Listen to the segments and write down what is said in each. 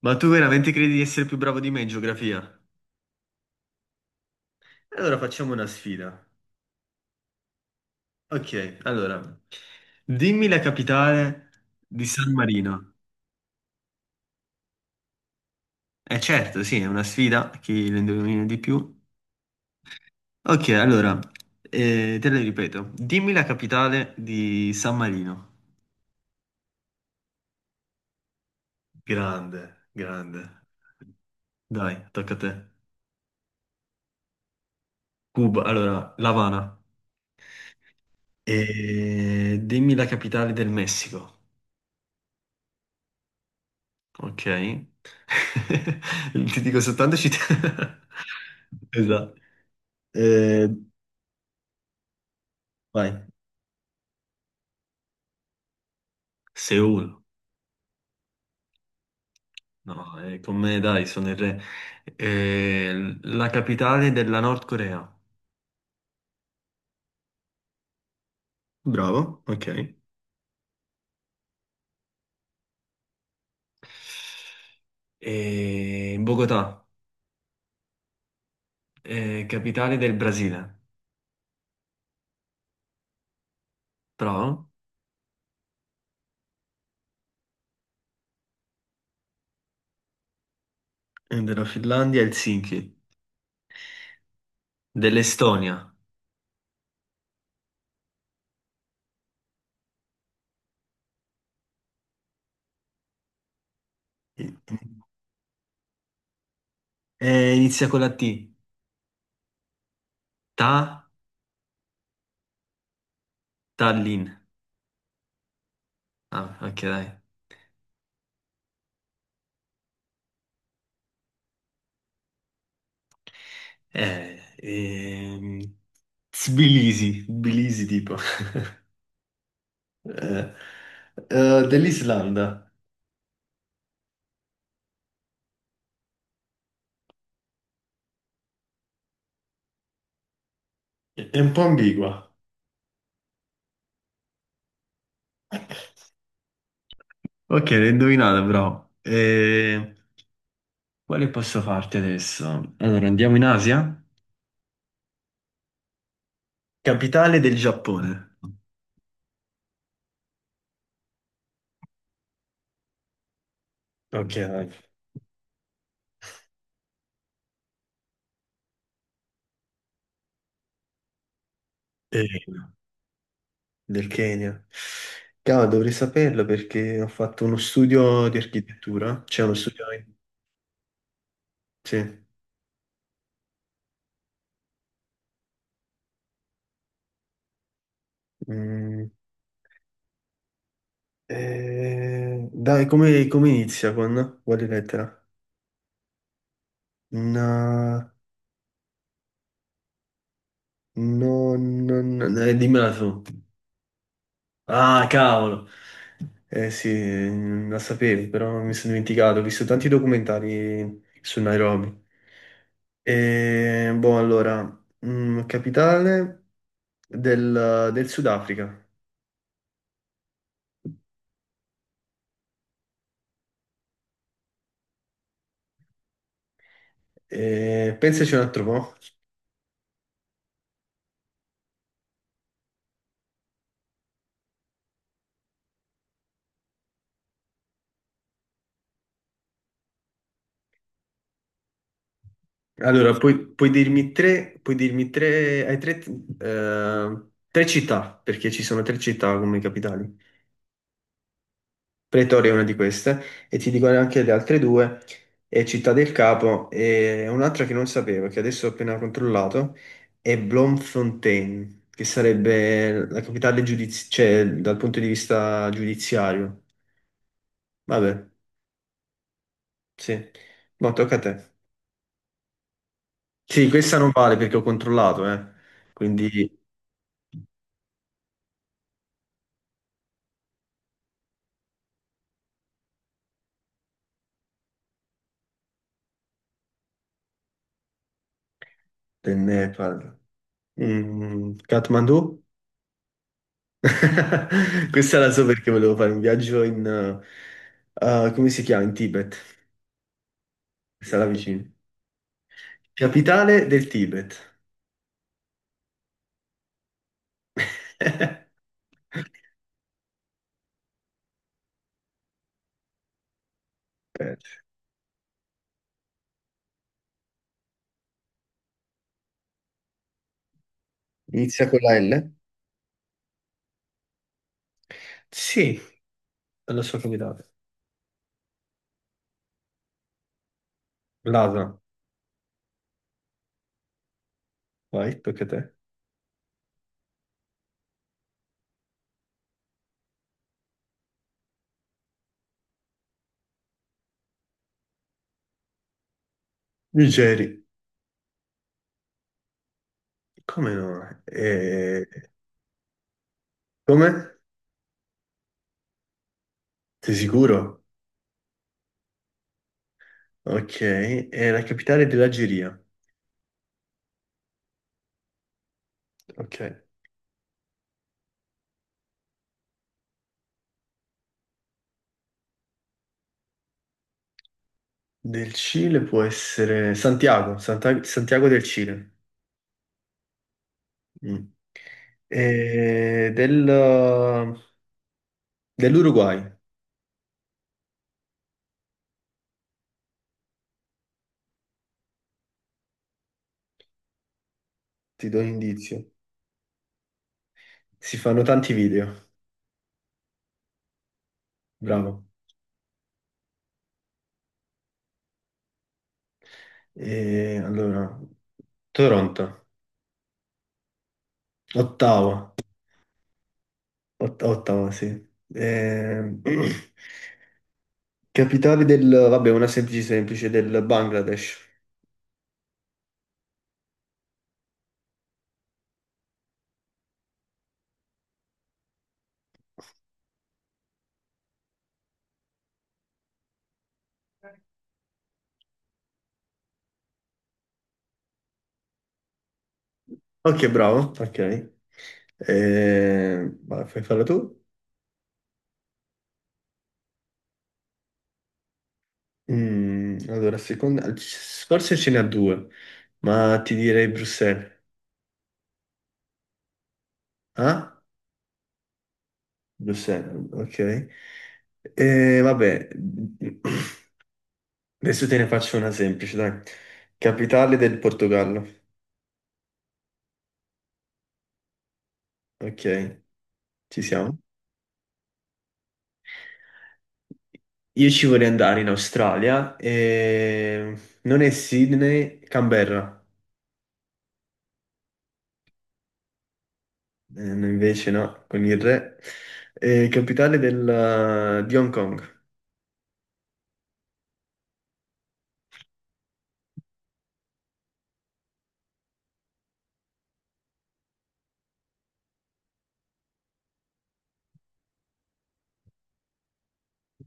Ma tu veramente credi di essere più bravo di me in geografia? Allora facciamo una sfida. Ok, allora, dimmi la capitale di San Marino. Eh certo, sì, è una sfida, chi lo indovina di più. Ok, allora, te la ripeto, dimmi la capitale di San Marino. Grande, grande. Dai, tocca a te. Cuba, allora, La Habana. E dimmi la capitale del Messico. Ok. Ti dico soltanto città. Esatto. Eh, vai. Seul. No, con me dai, sono il re. La capitale della Nord Corea. Bravo, ok. Bogotà, capitale del Brasile. Bravo. E della Finlandia, Helsinki. Dell'Estonia. Inizia con la T. Ta, Tallinn. Ah, ok, dai. Eh, ehm, Tbilisi, Tbilisi tipo. Eh, dell'Islanda. È un po' ambigua. Ok, l'ho indovinata però. Quale posso farti adesso? Allora, andiamo in Asia? Capitale del Giappone. Ok, dai. Eh, del Kenya. Cavolo, dovrei saperlo perché ho fatto uno studio di architettura. C'è uno studio... sì. Mm. Dai, come inizia con quale lettera? No, no, no, no, dimmela tu. Ah, cavolo. Eh sì, la sapevo, però mi sono dimenticato. Ho visto tanti documentari su Nairobi. Boh, allora, mm, capitale del Sudafrica. Pensaci un altro po'. Allora, puoi dirmi tre, hai tre, tre città, perché ci sono tre città come capitali. Pretoria è una di queste, e ti dico anche le altre due, è Città del Capo e un'altra che non sapevo, che adesso ho appena controllato, è Bloemfontein, che sarebbe la capitale cioè, dal punto di vista giudiziario. Vabbè, sì. No, tocca a te. Sì, questa non vale perché ho controllato, eh. Quindi te ne parlo. Mm, Kathmandu? Questa la so perché volevo fare un viaggio in... come si chiama? In Tibet. Questa è la vicina. Capitale del Tibet. Aspetta. Inizia con la L? Sì, è la sua capitale. Lhasa. Vai, tocca a te. Nigeri. Come no? Come? Sei sicuro? Ok, è la capitale dell'Algeria. Ok. Del Cile può essere Santiago, Santa- Santiago del Cile. Mm. E del- dell'Uruguay, ti do un indizio. Si fanno tanti video, bravo. E allora, Toronto, Ottawa, Ot- Ottawa, sì. E- Capitale del, vabbè, una semplice semplice, del Bangladesh. Ok, bravo, ok. E... vai, fai farla tu? Mm, allora, seconda... Forse ce n'ha due, ma ti direi Bruxelles. Ah? Bruxelles, ok. Vabbè, adesso te ne faccio una semplice, dai. Capitale del Portogallo. Ok, ci siamo. Io ci vorrei andare in Australia e non è Sydney, Canberra. Invece no, con il re. Capitale di Hong Kong.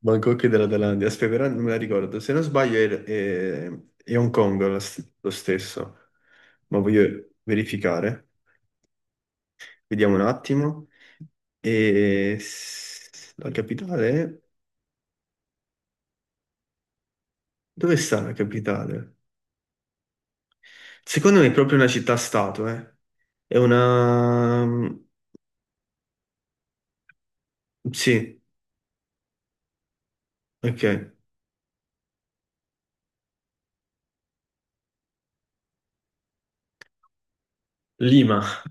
Bangkok e della Thailandia, aspetta, però non me la ricordo. Se non sbaglio è Hong Kong la lo stesso, ma voglio verificare. Vediamo un attimo. E s- la capitale? Dove sta la capitale? Secondo me è proprio una città-stato, eh. È una... Sì, ok. Lima.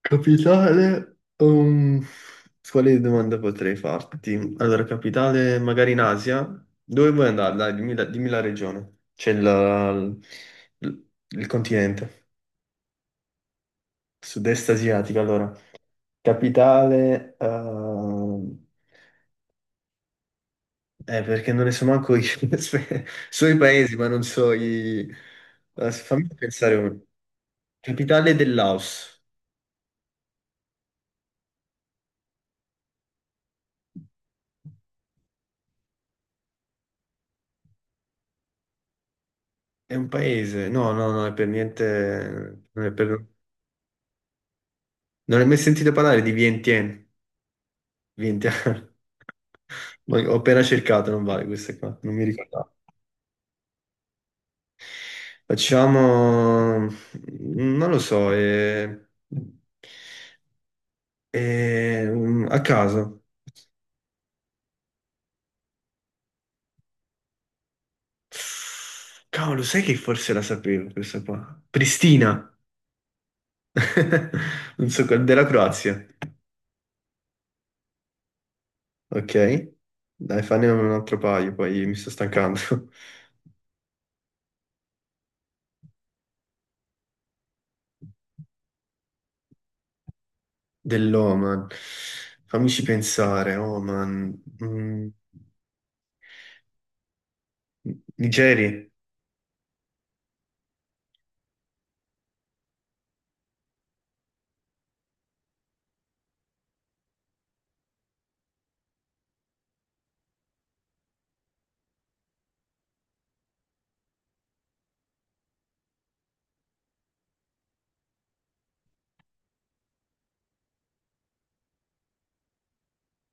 Capitale, quale domanda potrei farti? Allora, capitale magari in Asia? Dove vuoi andare? Dai, dimmi la regione. C'è il, il continente, sud-est asiatico, allora. Capitale, ehm, perché non ne so manco io. Aspe- so i paesi, ma non so i... fammi pensare uno. Capitale del Laos. È un paese? No, no, no, è per niente... Non è per... Non hai mai sentito parlare di Vientiane? Vientiane. Ma ho appena cercato, non vale questa qua, non mi ricordavo. Facciamo, non lo so, un- a caso. Cavolo, sai che forse la sapevo questa qua? Pristina, non so, qual- della Croazia. Ok, dai, fanne un altro paio, poi mi sto stancando. Dell'Oman. Fammici pensare, Oman. Mm, Nigeria.